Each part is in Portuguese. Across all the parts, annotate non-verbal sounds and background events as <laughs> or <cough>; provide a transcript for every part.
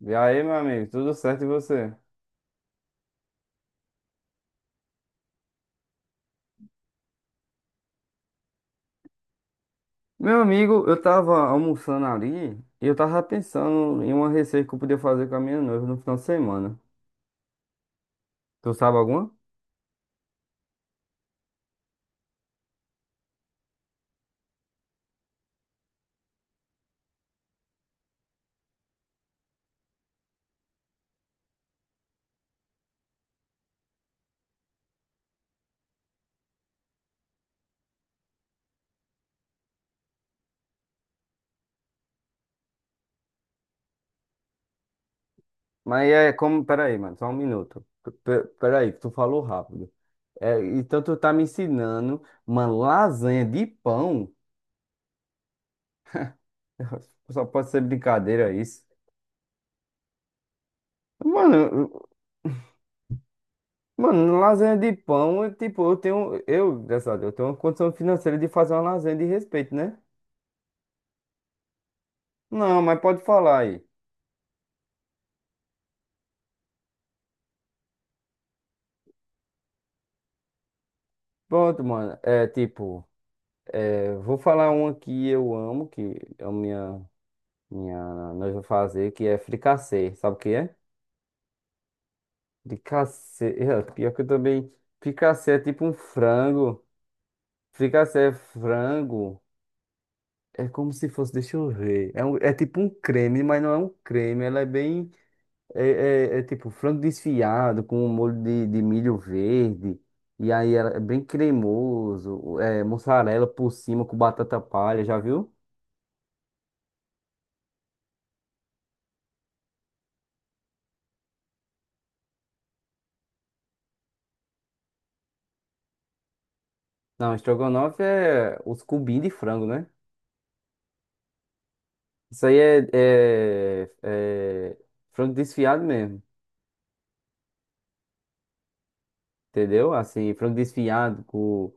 E aí, meu amigo, tudo certo e você? Meu amigo, eu tava almoçando ali e eu tava pensando em uma receita que eu podia fazer com a minha noiva no final de semana. Tu sabe alguma? Mas é como. Pera aí, mano, só um minuto. Pera aí, que tu falou rápido. É, então tu tá me ensinando uma lasanha de pão? <laughs> Só pode ser brincadeira isso. Mano, eu- Mano, lasanha de pão, é tipo, eu tenho. Eu, dessa, eu tenho uma condição financeira de fazer uma lasanha de respeito, né? Não, mas pode falar aí. Pronto, mano. É tipo, vou falar uma que eu amo, que é a minha, minha noiva fazer, que é fricassê. Sabe o que é? Fricassê. <laughs> É, pior que eu também. Fricassê é tipo um frango. Fricassê é frango. É como se fosse, deixa eu ver. É tipo um creme, mas não é um creme. Ela é bem. É, é tipo frango desfiado com um molho de milho verde. E aí ela é bem cremoso. É mussarela por cima com batata palha, já viu? Não, estrogonofe é os cubinhos de frango, né? Isso aí é frango desfiado mesmo, entendeu? Assim, frango desfiado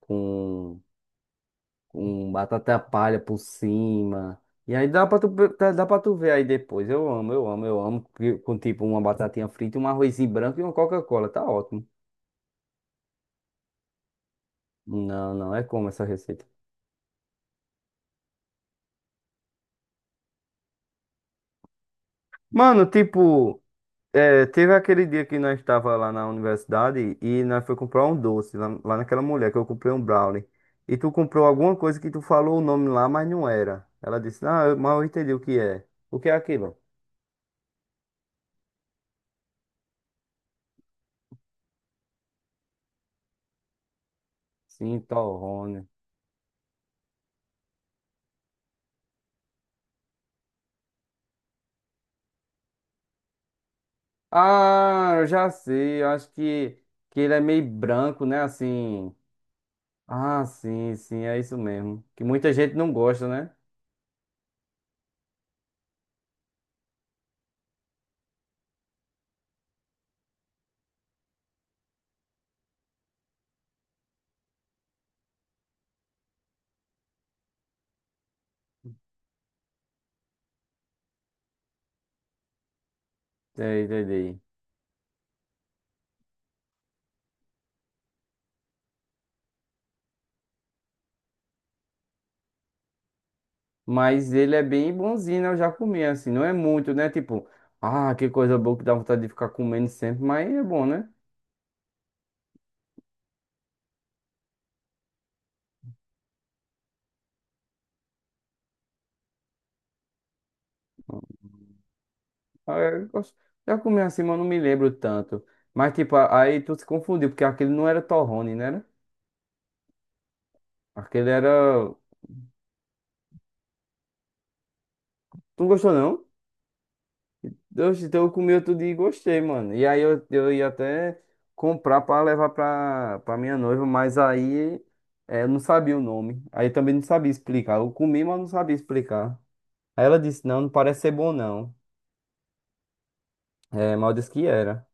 com, com batata palha por cima. E aí dá pra tu ver aí depois. Eu amo, eu amo, eu amo. Com tipo uma batatinha frita, um arrozinho branco e uma Coca-Cola. Tá ótimo. Não, não é como essa receita. Mano, tipo. É, teve aquele dia que nós estava lá na universidade e nós foi comprar um doce lá, naquela mulher que eu comprei um brownie. E tu comprou alguma coisa que tu falou o nome lá, mas não era. Ela disse, mas eu entendi o que é. O que é aquilo? Sim Cintorrone. Ah, eu já sei, eu acho que ele é meio branco, né? Assim. Ah, sim, sim, é isso mesmo. Que muita gente não gosta, né? É, entendi. Mas ele é bem bonzinho, né? Eu já comi, assim. Não é muito, né? Tipo, ah, que coisa boa que dá vontade de ficar comendo sempre, mas é bom, né? Ah, é, eu gosto- Já comi assim, mas eu não me lembro tanto. Mas, tipo, aí tu se confundiu, porque aquele não era torrone, né? Era? Aquele era. Tu não gostou, não? Deus, então eu comi outro dia e gostei, mano. E aí eu ia até comprar pra levar pra minha noiva, mas aí eu não sabia o nome. Aí também não sabia explicar. Eu comi, mas não sabia explicar. Aí ela disse, não, não parece ser bom, não. É, mal disse que era.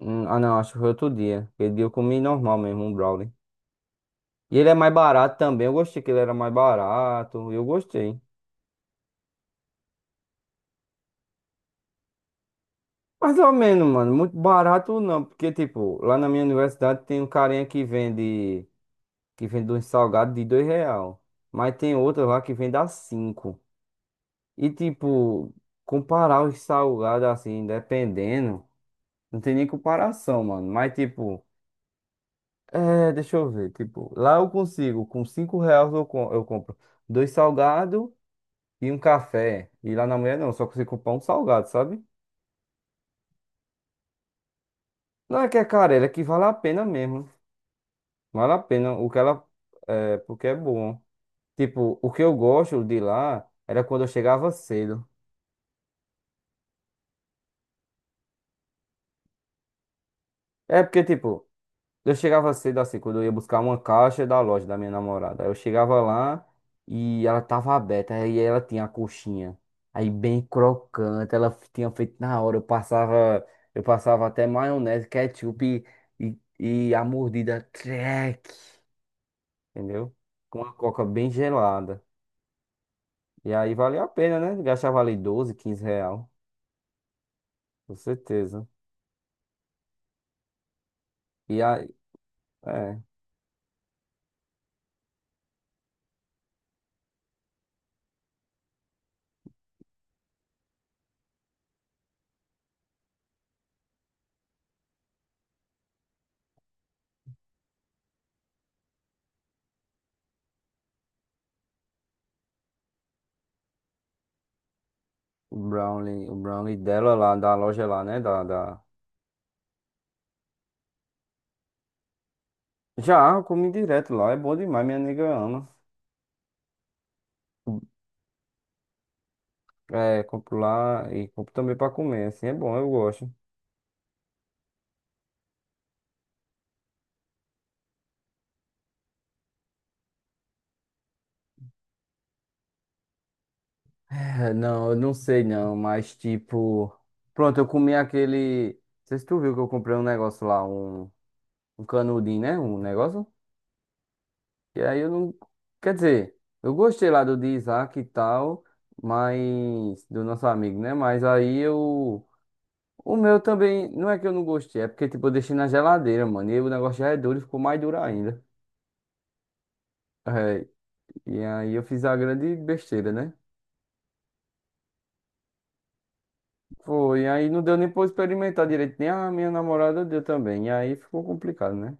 Ah, não, acho que foi outro dia. Aquele dia eu comi normal mesmo, um brownie. E ele é mais barato também. Eu gostei que ele era mais barato. Eu gostei. Mais ou menos, mano. Muito barato não. Porque, tipo, lá na minha universidade tem um carinha que vende. Que vende um salgado de R$ 2. Mas tem outro lá que vende a cinco. E, tipo, comparar os salgados assim, dependendo. Não tem nem comparação, mano. Mas, tipo. É, deixa eu ver. Tipo, lá eu consigo, com R$ 5 eu compro dois salgados e um café. E lá na mulher não, só consigo comprar um salgado, sabe? Não é que é carela, é que vale a pena mesmo. Vale a pena o que ela. É, porque é bom. Tipo, o que eu gosto de lá era quando eu chegava cedo. É porque, tipo. Eu chegava cedo assim, quando eu ia buscar uma caixa da loja da minha namorada. Aí eu chegava lá e ela tava aberta, aí ela tinha a coxinha. Aí bem crocante, ela tinha feito na hora. Eu passava até maionese, ketchup e a mordida trec, entendeu? Com uma coca bem gelada. E aí valia a pena, né? Gastava ali 12 15 real, com certeza. E aí, é, o brownie dela lá, da loja lá, né? Já, eu comi direto lá, é bom demais, minha nega ama. É, compro lá e compro também pra comer, assim, é bom, eu gosto. É, não, eu não sei não, mas tipo. Pronto, eu comi aquele. Não sei se tu viu que eu comprei um negócio lá, um canudinho, né? Um negócio. E aí eu não. Quer dizer, eu gostei lá do de Isaac e tal, mas. Do nosso amigo, né? Mas aí eu. O meu também, não é que eu não gostei, é porque tipo, eu deixei na geladeira, mano. E aí o negócio já é duro e ficou mais duro ainda. É, e aí eu fiz a grande besteira, né? Foi, e aí não deu nem pra eu experimentar direito, nem a minha namorada deu também. E aí ficou complicado, né?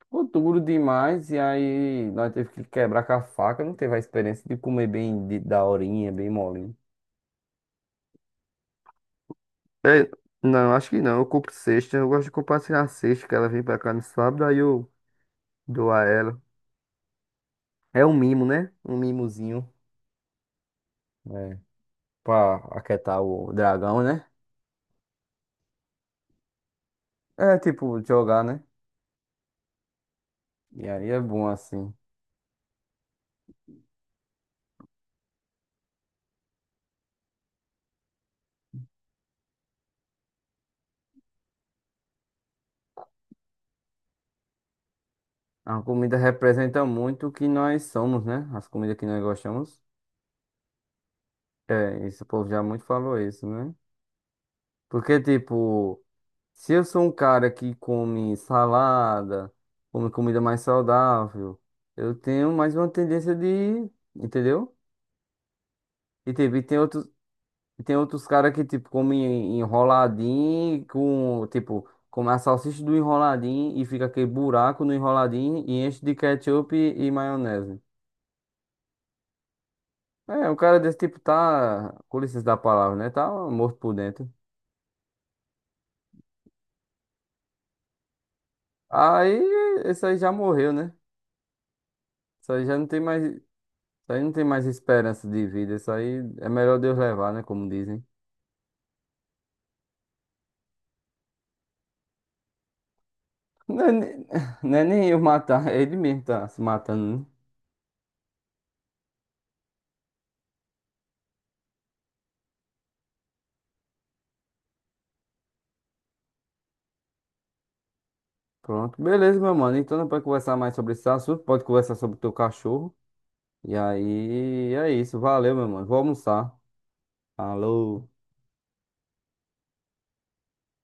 Ficou duro demais, e aí nós teve que quebrar com a faca, não teve a experiência de comer bem daorinha, bem molinho. É, não, acho que não. Eu compro cesta. Eu gosto de compartilhar a cesta que ela vem pra cá no sábado, aí eu dou a ela. É um mimo, né? Um mimozinho. É, pra aquietar o dragão, né? É tipo jogar, né? E aí é bom assim. A comida representa muito o que nós somos, né? As comidas que nós gostamos. É, isso o povo já muito falou isso, né? Porque, tipo, se eu sou um cara que come salada, come comida mais saudável, eu tenho mais uma tendência de, entendeu? E, tipo, e tem outros caras que, tipo, comem enroladinho com, tipo, come a salsicha do enroladinho e fica aquele buraco no enroladinho e enche de ketchup e maionese. É, um cara desse tipo tá, com licença da palavra, né? Tá morto por dentro. Aí, esse aí já morreu, né? Isso aí já não tem mais, isso aí não tem mais esperança de vida. Isso aí é melhor Deus levar, né? Como dizem. Não é, <laughs> não é nem eu matar, é ele mesmo tá se matando, né? Pronto, beleza, meu mano. Então, depois conversar mais sobre esse assunto, pode conversar sobre o teu cachorro. E aí, é isso. Valeu, meu mano. Vou almoçar. Falou.